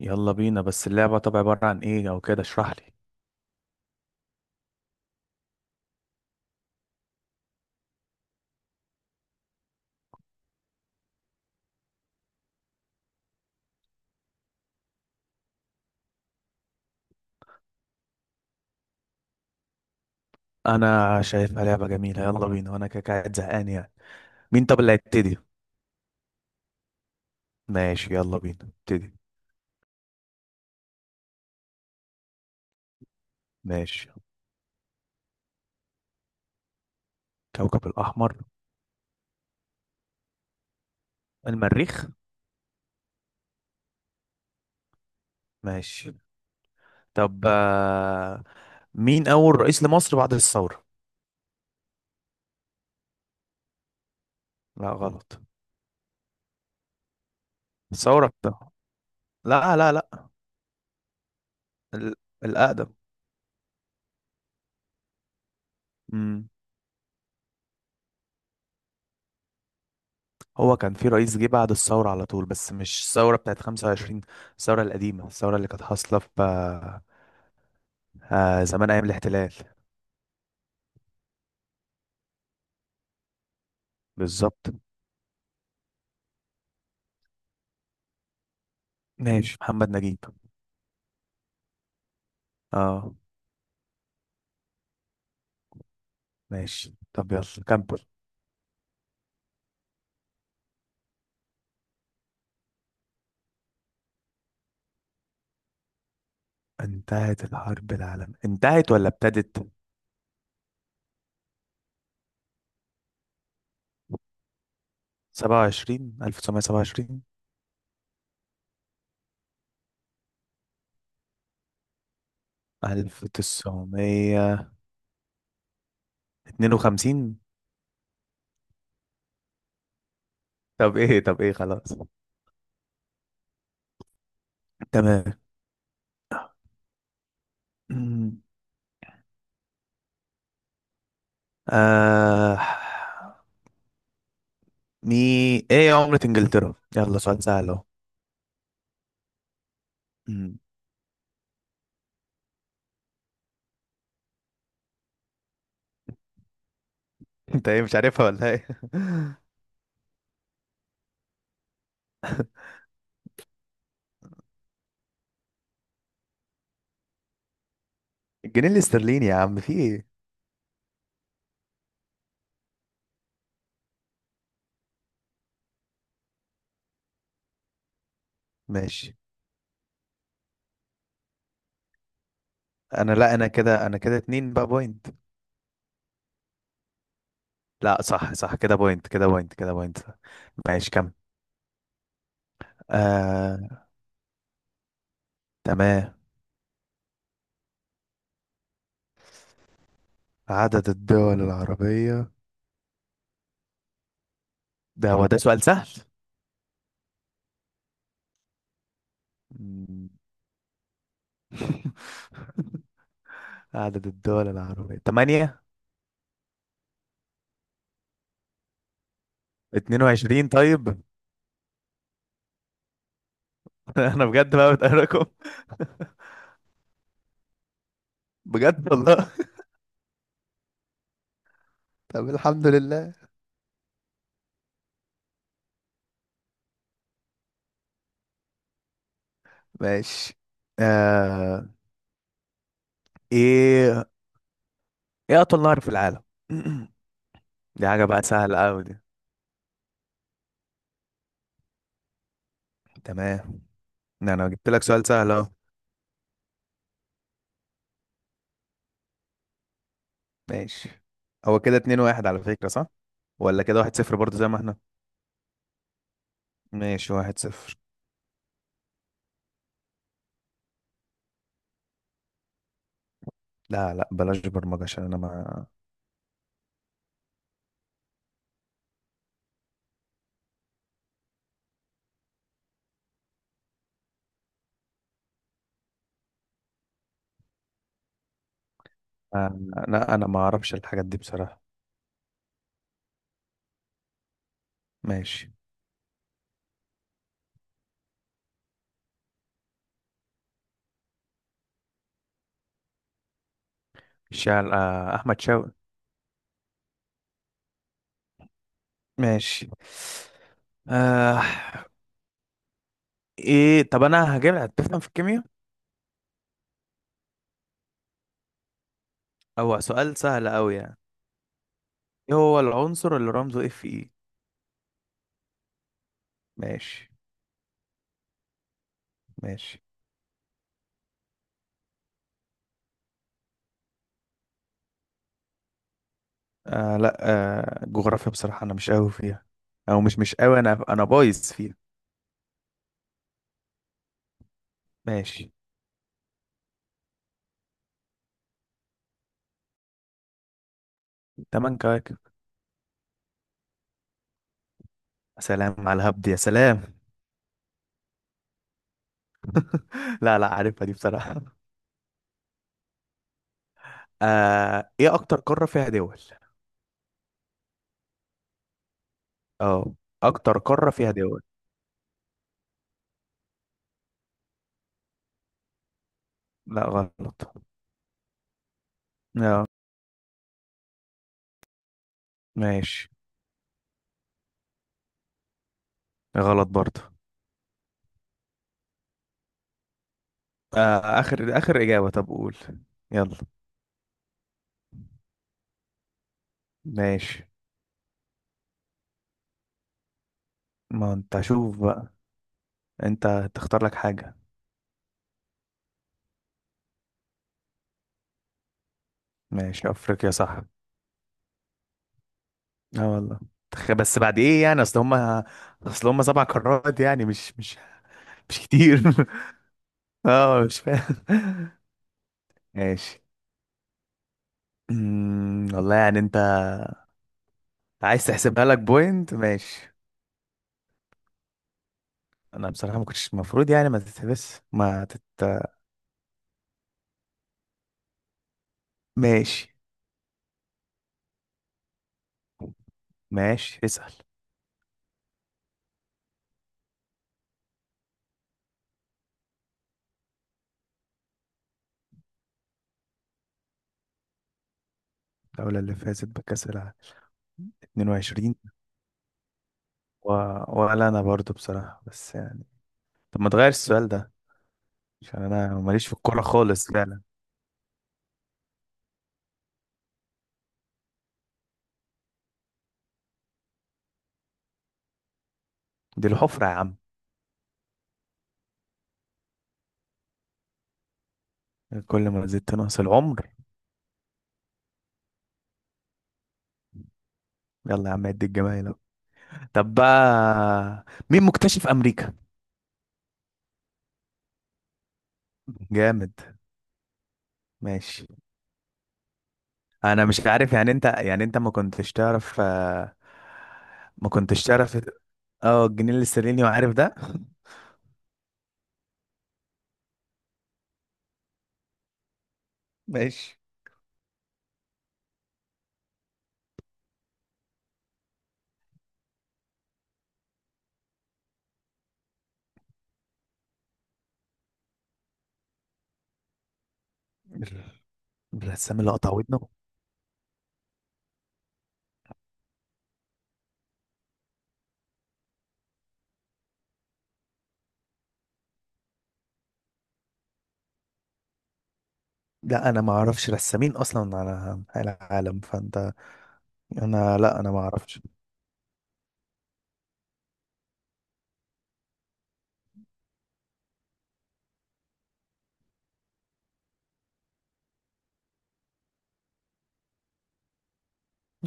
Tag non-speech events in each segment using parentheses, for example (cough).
يلا بينا، بس اللعبة طب عبارة عن ايه او كده؟ اشرح لي. انا شايفها لعبة جميلة، يلا بينا وانا كده قاعد زهقان يعني. مين طب اللي هيبتدي؟ ماشي، يلا بينا ابتدي. ماشي. كوكب الاحمر؟ المريخ. ماشي طب. مين اول رئيس لمصر بعد الثورة؟ لا، غلط. الثورة بتاع- لا، لا، لا. ال- الاقدم. امم هو كان في رئيس جه بعد الثورة على طول، بس مش الثورة بتاعت 25. الثورة القديمة، الثورة اللي كانت حاصلة في زمان أيام الاحتلال. بالظبط. ماشي، محمد نجيب. اه. ماشي طب، يلا كمل. انتهت الحرب العالمية؟ انتهت ولا ابتدت؟ 27 1927؟ 1952؟ طب ايه خلاص. تمام. (clears throat) آه مي ايه عملة انجلترا؟ يلا سؤال سهل اهو. مم. (laughs) انت ايه، مش عارفها ولا ايه؟ (laughs) الجنيه الاسترليني يا عم، في ايه؟ ماشي. انا كده اتنين بقى بوينت. لا، صح صح، كده بوينت كده بوينت كده بوينت. ماشي، كمل. آه تمام. عدد الدول العربية؟ ده هو ده سؤال سهل. مم. (laughs) عدد الدول العربية تمانية. اتنين وعشرين، طيب. (laughs) انا بجد بقى بتقركم. بجد والله. (laughs) طب الحمد لله. ماشي. آه ايه ايه اطول نهر في العالم؟ (clears throat) دي حاجة بقى سهلة قوي دي. تمام. ده انا جبت لك سؤال سهل اهو. ماشي. هو كده اتنين واحد على فكرة، صح؟ ولا كده واحد صفر برضه زي ما احنا؟ ماشي، واحد صفر. لا لا، بلاش برمجة عشان انا ما... انا انا ما اعرفش الحاجات دي بصراحة. ماشي. شال آه، احمد شوقي. ماشي. آه ايه طب، انا هجيب هتفهم في الكيمياء؟ او سؤال سهل قوي يعني. ايه هو العنصر اللي رمزه Fe؟ ماشي. ماشي. آه، لا. جغرافيا بصراحة انا مش قوي فيها. او مش قوي، انا بايظ فيها. ماشي، تمن كواكب. سلام على الهبد يا سلام. (laughs) لا لا، عارفها دي بصراحة. ايه اكتر قارة فيها دول؟ اه. اكتر قارة فيها دول. لا، غلط. لا. ماشي. غلط برضه. اخر اخر اجابة، طب قول. يلا. ماشي، ما انت شوف بقى. انت تختار لك حاجة. ماشي، افريقيا صح. اه والله. بس بعد ايه يعني، اصل هما. اصل هما سبع قارات يعني، مش كتير. (laughs) اه، مش فاهم. ماشي. والله يعني، انت عايز تحسبها لك بوينت؟ ماشي. انا بصراحة ما كنتش المفروض يعني، ما تتحبس ما تت... ماشي. ماشي، اسأل. الدولة اللي فازت بكأس العالم 22؟ و... ولا انا برضو بصراحة، بس يعني طب ما تغير السؤال ده، عشان انا ماليش في الكورة خالص فعلا. دي الحفرة يا عم. كل ما زدت نقص العمر. يلا يا عم عد الجمايل أهو. طب بقى، مين مكتشف امريكا؟ جامد. ماشي. انا مش عارف يعني انت ما كنتش تعرف ما كنتش تعرف. اه، الجنيه الاسترليني، وعارف ده. ماشي. الرسام اللي قطع ودنه؟ لا، انا ما اعرفش رسامين اصلا على العالم فانت. انا ما اعرفش.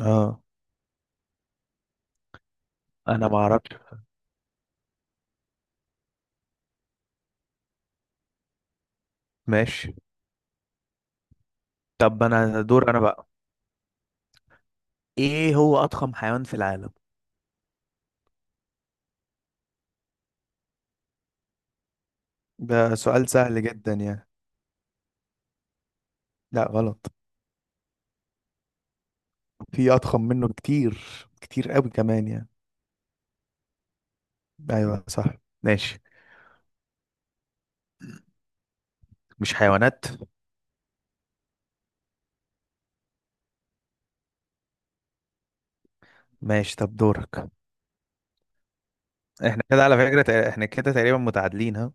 اه. انا ما اعرفش. ماشي. طب انا دور انا بقى. ايه هو اضخم حيوان في العالم؟ ده سؤال سهل جدا يعني. لا، غلط. في اضخم منه كتير. كتير قوي كمان يعني. ايوه صح. ماشي. مش حيوانات. ماشي، طب دورك. احنا كده على فكرة تق- احنا كده تقريبا متعادلين، ها؟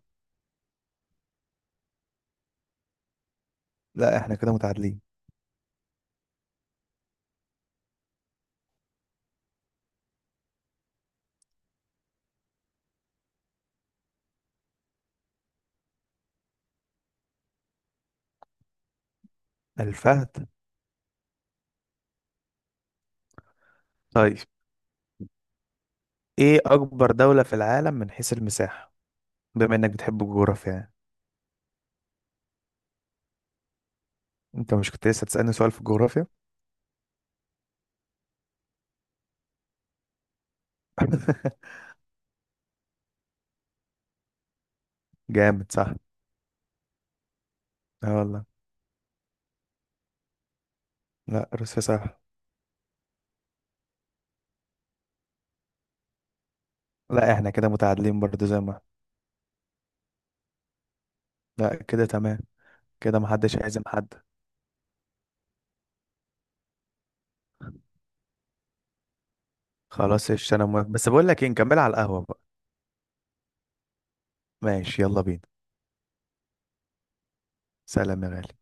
لا، احنا كده متعادلين. الفهد. طيب. ايه اكبر دولة في العالم من حيث المساحة؟ بما انك بتحب الجغرافيا يعني. انت مش كنت لسه تسألني سؤال في الجغرافيا؟ (laughs) جامد صح. اه والله. لا، روسيا صح. لا، احنا كده متعادلين برضه زي ما احنا. لا كده تمام. كده محدش هيعزم حد. خلاص قشطة انا موافق، بس بقول لك ايه، نكمل على القهوة بقى. ماشي يلا بينا. سلام يا غالي.